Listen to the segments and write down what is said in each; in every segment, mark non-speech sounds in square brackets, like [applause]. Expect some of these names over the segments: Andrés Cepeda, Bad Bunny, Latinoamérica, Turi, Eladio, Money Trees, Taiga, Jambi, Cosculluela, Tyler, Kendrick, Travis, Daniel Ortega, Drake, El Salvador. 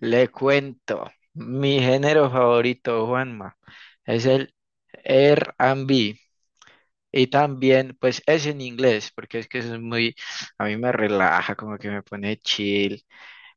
Le cuento, mi género favorito, Juanma, es el R&B y también, pues es en inglés, porque es que eso es muy, a mí me relaja, como que me pone chill.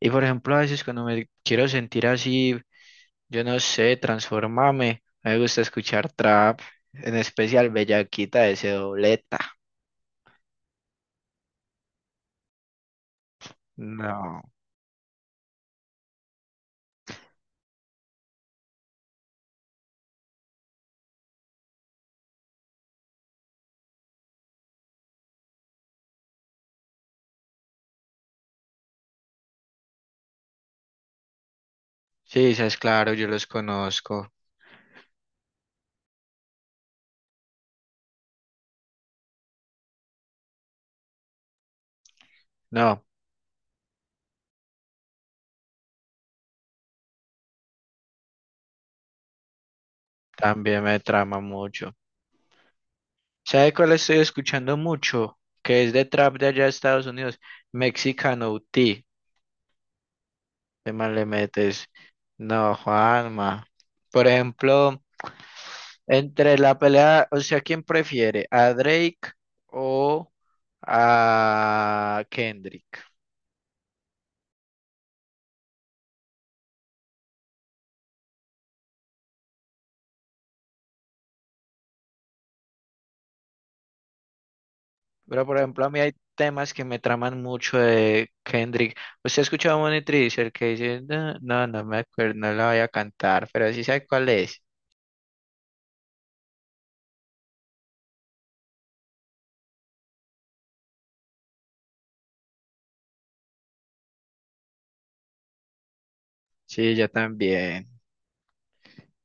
Y por ejemplo, a veces cuando me quiero sentir así, yo no sé, transformame, me gusta escuchar trap, en especial Bellaquita de ese dobleta. No, sí, es claro, yo los conozco. No, también me trama mucho. ¿Sabe cuál estoy escuchando mucho? Que es de trap de allá de Estados Unidos. Mexicano T. De mal le metes. No, Juanma. Por ejemplo, entre la pelea, o sea, ¿quién prefiere? ¿A Drake o a Kendrick? Pero, por ejemplo, a mí hay temas que me traman mucho de Kendrick. ¿Usted ha escuchado a Money Trees, el que dice, no, no, no me acuerdo, no la voy a cantar, pero sí sabe cuál es? Sí, yo también.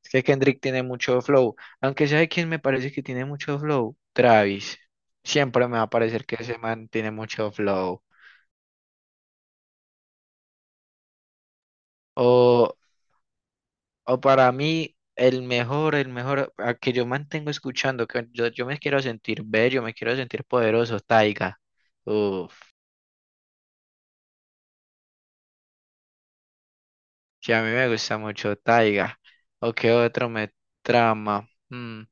Es que Kendrick tiene mucho flow. Aunque sabe quién me parece que tiene mucho flow. Travis. Siempre me va a parecer que ese man tiene mucho flow. O, o para mí, el mejor, a que yo mantengo escuchando, que yo me quiero sentir bello, me quiero sentir poderoso, Taiga. Uf, sí, a mí me gusta mucho Taiga. ¿O qué otro me trama? Mm,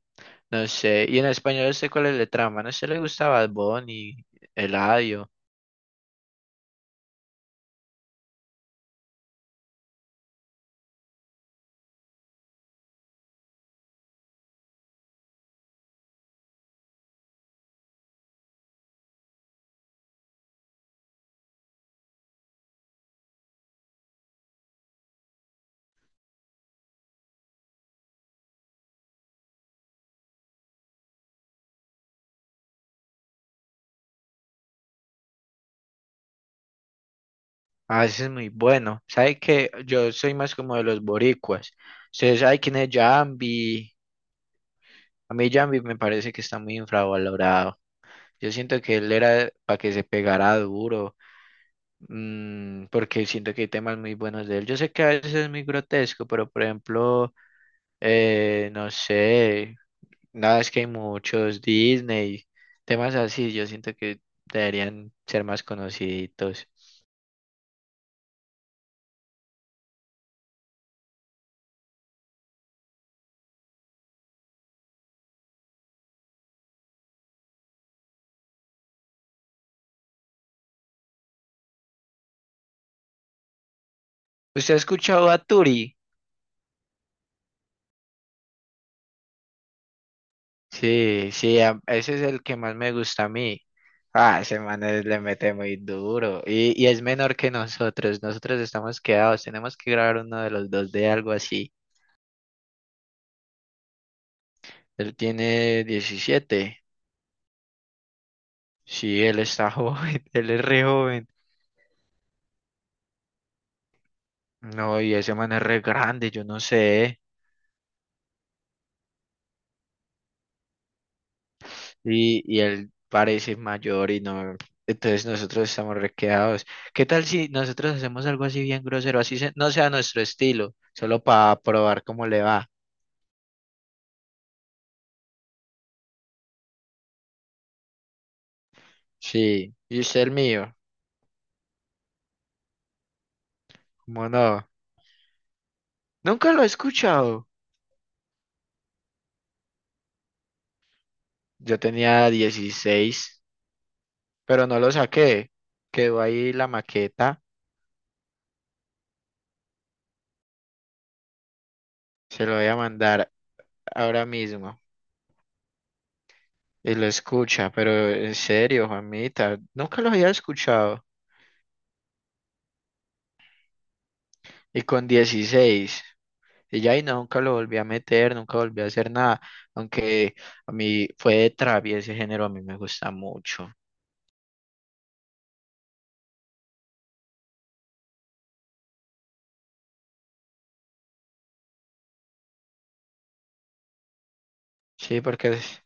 no sé. Y en español, ¿sé cuál es el trama? No sé, le gusta Bad Bunny, Eladio. Ah, ese es muy bueno. ¿Sabe que yo soy más como de los boricuas? Ustedes saben quién es Jambi. A mí Jambi me parece que está muy infravalorado. Yo siento que él era para que se pegara duro, porque siento que hay temas muy buenos de él. Yo sé que a veces es muy grotesco, pero por ejemplo, no sé, nada, es que hay muchos Disney, temas así, yo siento que deberían ser más conocidos. ¿Usted ha escuchado a Turi? Sí, sí, ese es el que más me gusta a mí. Ah, ese man le mete muy duro. Y es menor que nosotros. Nosotros estamos quedados. Tenemos que grabar uno de los dos de algo así. Él tiene 17. Sí, él está joven. [laughs] Él es re joven. No, y ese man es re grande, yo no sé. Y él parece mayor y no. Entonces nosotros estamos re quedados. ¿Qué tal si nosotros hacemos algo así bien grosero? Así no sea nuestro estilo, solo para probar cómo le va. Sí, y usted el mío, ¿cómo no? Nunca lo he escuchado. Yo tenía 16, pero no lo saqué. Quedó ahí la maqueta, se lo voy a mandar ahora mismo. Y lo escucha, pero en serio, Juanita, nunca lo había escuchado. Y con 16 y ya ahí nunca lo volví a meter, nunca volví a hacer nada. Aunque a mí fue de trap y ese género a mí me gusta mucho. Sí, porque es-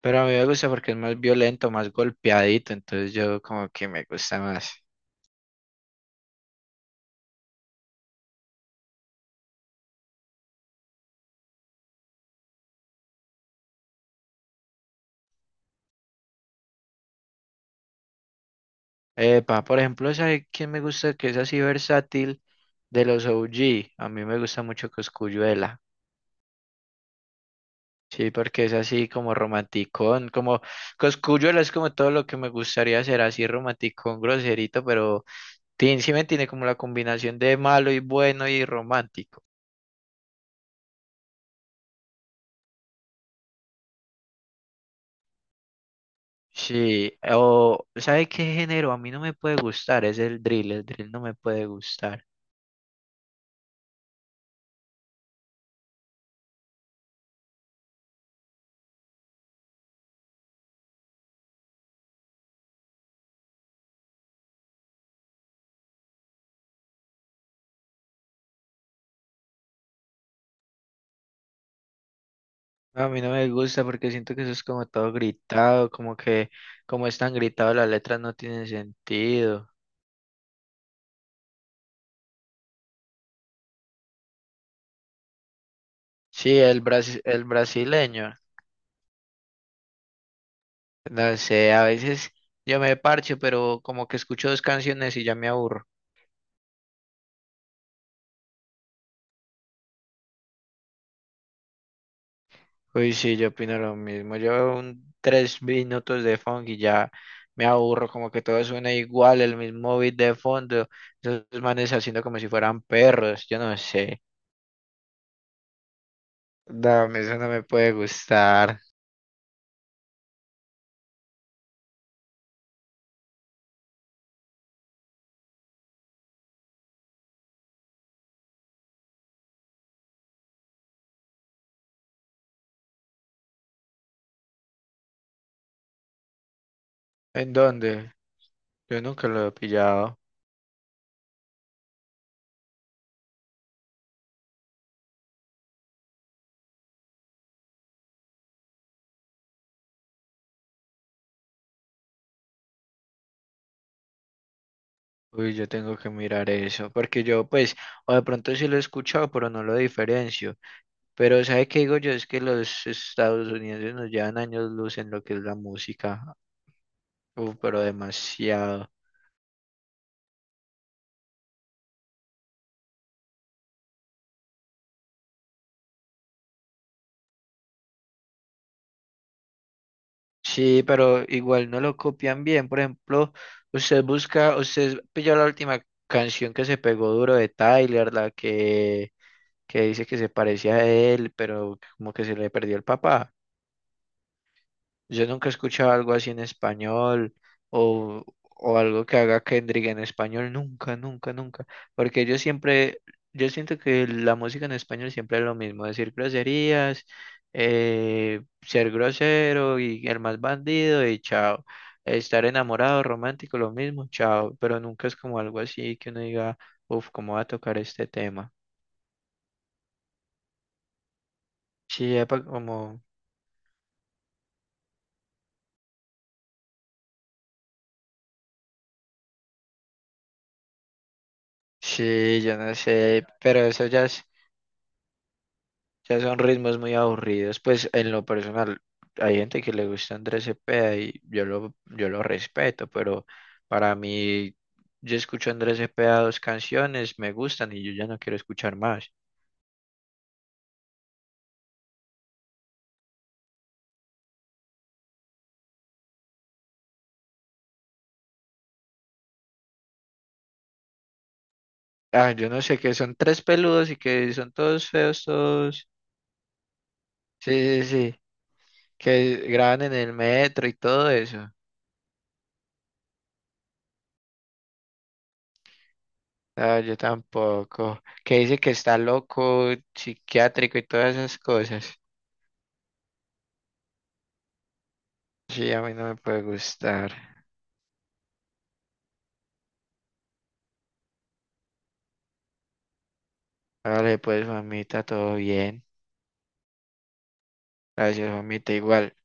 Pero a mí me gusta porque es más violento, más golpeadito, entonces yo como que me gusta más. Epa, por ejemplo, ¿sabe quién me gusta que es así versátil? De los OG, a mí me gusta mucho Cosculluela. Sí, porque es así como romanticón, como Cosculluela es como todo lo que me gustaría ser, así romanticón, groserito, pero tiene, sí me tiene como la combinación de malo y bueno y romántico. Sí, o ¿sabe qué género a mí no me puede gustar? Es el drill no me puede gustar. No, a mí no me gusta porque siento que eso es como todo gritado, como que como es tan gritado las letras no tienen sentido. Sí, el brasileño, no sé, a veces yo me parcho, pero como que escucho dos canciones y ya me aburro. Uy, sí, yo opino lo mismo. Yo un 3 minutos de funk y ya me aburro, como que todo suena igual, el mismo beat de fondo, esos manes haciendo como si fueran perros, yo no sé. No, a mí eso no me puede gustar. ¿En dónde? Yo nunca lo he pillado. Uy, yo tengo que mirar eso, porque yo pues, o de pronto sí lo he escuchado, pero no lo diferencio. Pero ¿sabe qué digo yo? Es que los Estados Unidos nos llevan años luz en lo que es la música. Uf, pero demasiado. Sí, pero igual no lo copian bien. Por ejemplo, usted busca, usted pilló la última canción que se pegó duro de Tyler, la que dice que se parecía a él, pero como que se le perdió el papá. Yo nunca he escuchado algo así en español o algo que haga Kendrick en español, nunca, nunca, nunca. Porque yo siempre, yo siento que la música en español siempre es lo mismo, decir groserías, ser grosero y el más bandido y chao. Estar enamorado, romántico, lo mismo, chao. Pero nunca es como algo así que uno diga, uff, ¿cómo va a tocar este tema? Sí, epa, como, sí, yo no sé, pero eso ya es, sea, son ritmos muy aburridos. Pues en lo personal, hay gente que le gusta Andrés Cepeda y yo lo respeto, pero para mí, yo escucho a Andrés Cepeda dos canciones, me gustan y yo ya no quiero escuchar más. Ah, yo no sé, que son tres peludos y que son todos feos, todos. Sí, sí, sí. Que graban en el metro y todo eso. Ah, yo tampoco. Que dice que está loco, psiquiátrico y todas esas cosas. Sí, a mí no me puede gustar. Vale, pues, mamita, todo bien. Gracias, mamita, igual.